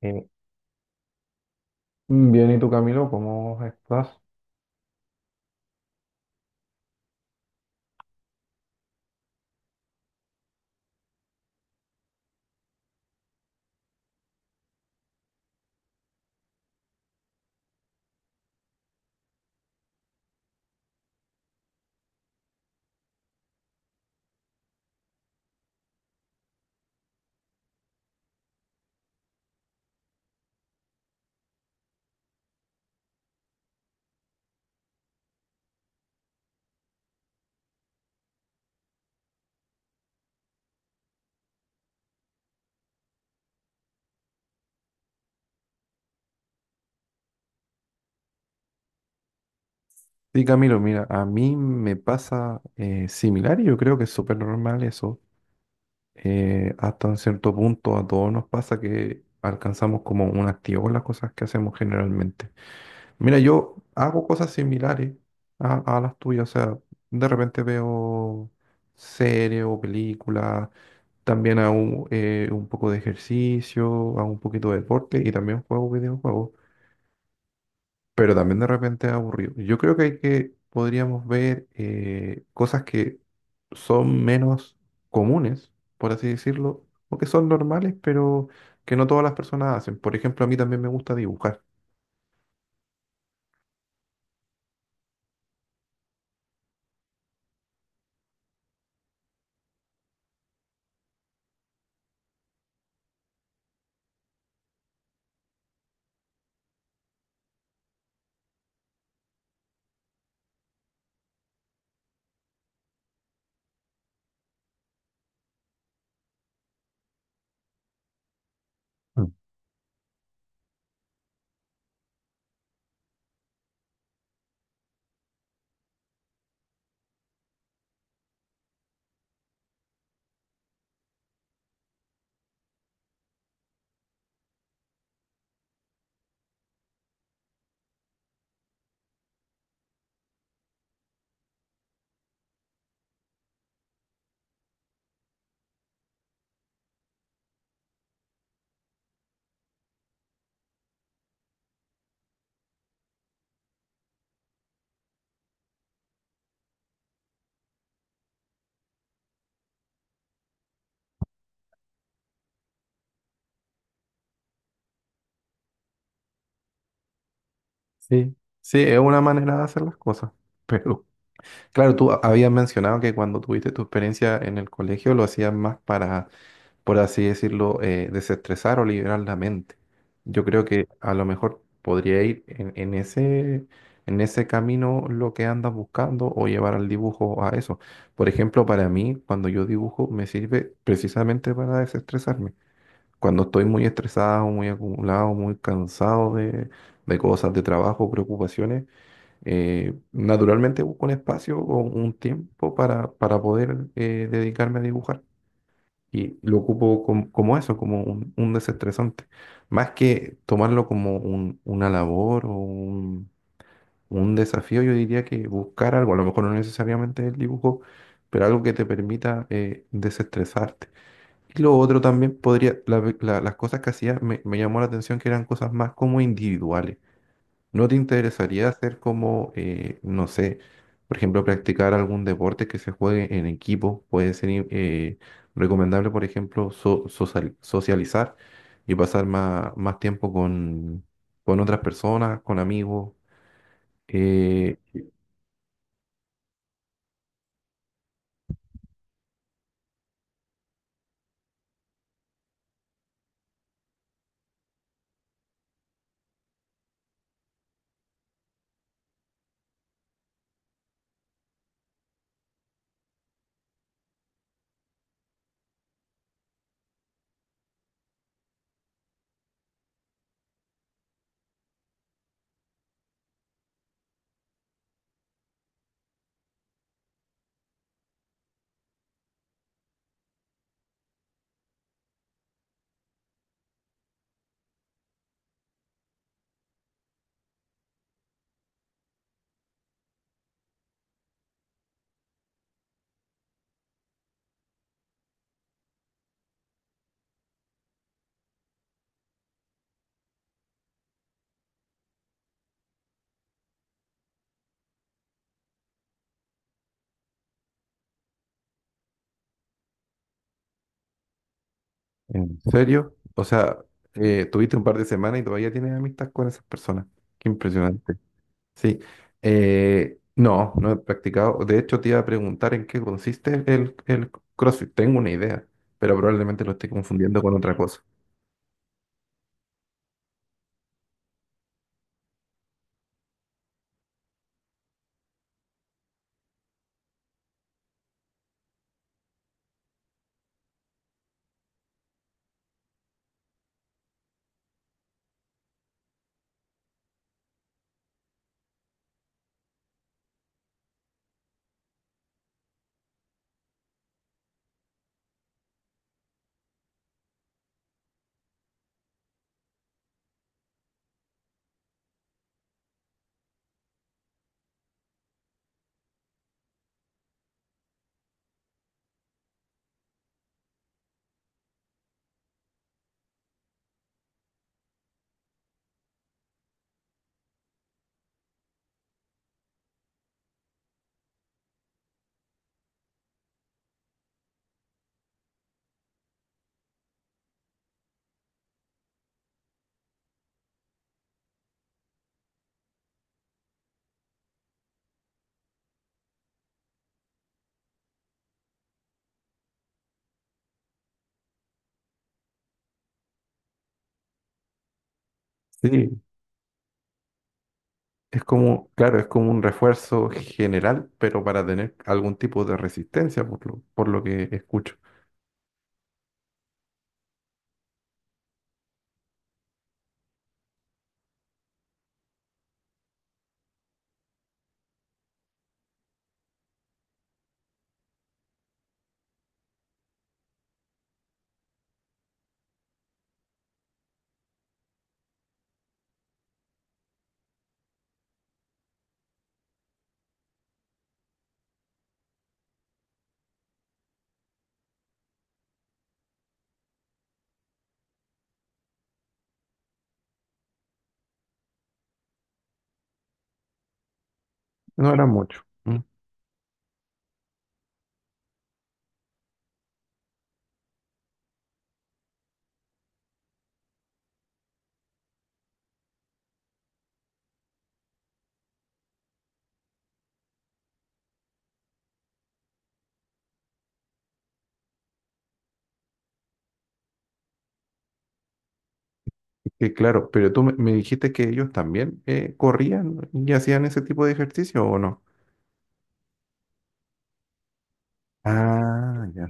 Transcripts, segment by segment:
Eh, Bien, ¿y tú, Camilo? ¿Cómo estás? Sí, Camilo, mira, a mí me pasa similar, y yo creo que es súper normal eso. Hasta un cierto punto a todos nos pasa que alcanzamos como un activo en las cosas que hacemos generalmente. Mira, yo hago cosas similares a las tuyas, o sea, de repente veo series o películas, también hago un poco de ejercicio, hago un poquito de deporte y también juego videojuegos. Pero también de repente es aburrido. Yo creo que hay que, podríamos ver cosas que son menos comunes, por así decirlo, o que son normales, pero que no todas las personas hacen. Por ejemplo, a mí también me gusta dibujar. Mm. Sí, sí, es una manera de hacer las cosas. Pero claro, tú habías mencionado que cuando tuviste tu experiencia en el colegio lo hacías más para, por así decirlo, desestresar o liberar la mente. Yo creo que a lo mejor podría ir en ese camino lo que andas buscando, o llevar al dibujo a eso. Por ejemplo, para mí, cuando yo dibujo, me sirve precisamente para desestresarme. Cuando estoy muy estresado, muy acumulado, muy cansado de cosas de trabajo, preocupaciones, naturalmente busco un espacio o un tiempo para poder dedicarme a dibujar. Y lo ocupo como eso, como un desestresante. Más que tomarlo como una labor o un desafío, yo diría que buscar algo, a lo mejor no necesariamente el dibujo, pero algo que te permita desestresarte. Y lo otro también podría, las cosas que hacía me llamó la atención que eran cosas más como individuales. ¿No te interesaría hacer como, no sé, por ejemplo, practicar algún deporte que se juegue en equipo? Puede ser recomendable, por ejemplo, socializar y pasar más tiempo con otras personas, con amigos. Eh, ¿En serio? O sea, tuviste un par de semanas y todavía tienes amistad con esas personas. Qué impresionante. Sí, no, no he practicado. De hecho, te iba a preguntar en qué consiste el CrossFit. Tengo una idea, pero probablemente lo esté confundiendo con otra cosa. Sí, es como, claro, es como un refuerzo general, pero para tener algún tipo de resistencia, por lo que escucho. No era mucho. Mm. Que claro, pero tú me dijiste que ellos también corrían y hacían ese tipo de ejercicio, ¿o no? Ah, ya.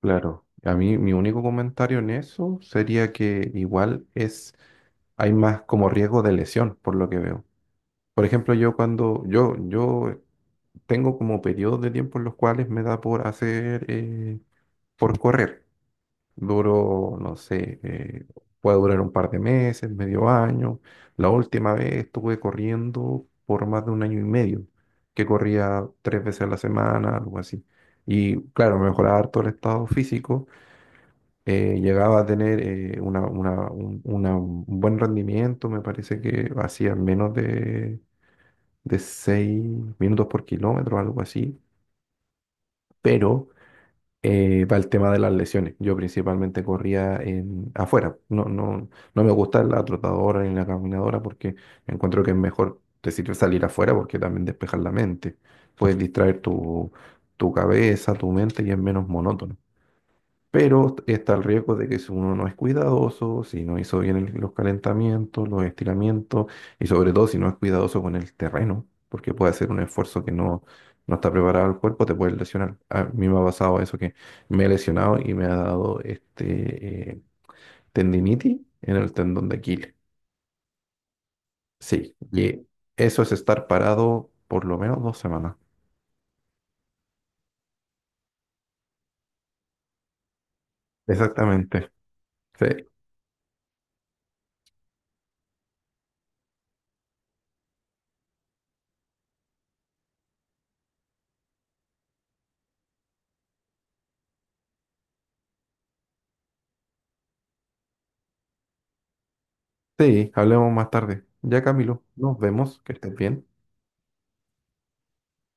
Claro, a mí mi único comentario en eso sería que igual es, hay más como riesgo de lesión, por lo que veo. Por ejemplo, yo tengo como periodos de tiempo en los cuales me da por hacer, por correr. Duro, no sé, puede durar un par de meses, medio año. La última vez estuve corriendo por más de un año y medio, que corría tres veces a la semana, algo así. Y claro, mejoraba harto el estado físico, llegaba a tener un buen rendimiento, me parece que hacía menos de 6 minutos por kilómetro, algo así, pero para el tema de las lesiones, yo principalmente corría afuera, no, no, no me gusta la trotadora ni la caminadora porque encuentro que es mejor, te sirve salir afuera porque también despejas la mente, puedes distraer tu cabeza, tu mente, y es menos monótono. Pero está el riesgo de que si uno no es cuidadoso, si no hizo bien los calentamientos, los estiramientos, y sobre todo si no es cuidadoso con el terreno, porque puede hacer un esfuerzo que no, no está preparado el cuerpo, te puede lesionar. A mí me ha pasado eso que me he lesionado y me ha dado tendinitis en el tendón de Aquiles. Sí, y eso es estar parado por lo menos 2 semanas. Exactamente. Sí, sí, hablemos más tarde. Ya, Camilo, nos vemos, que estés bien.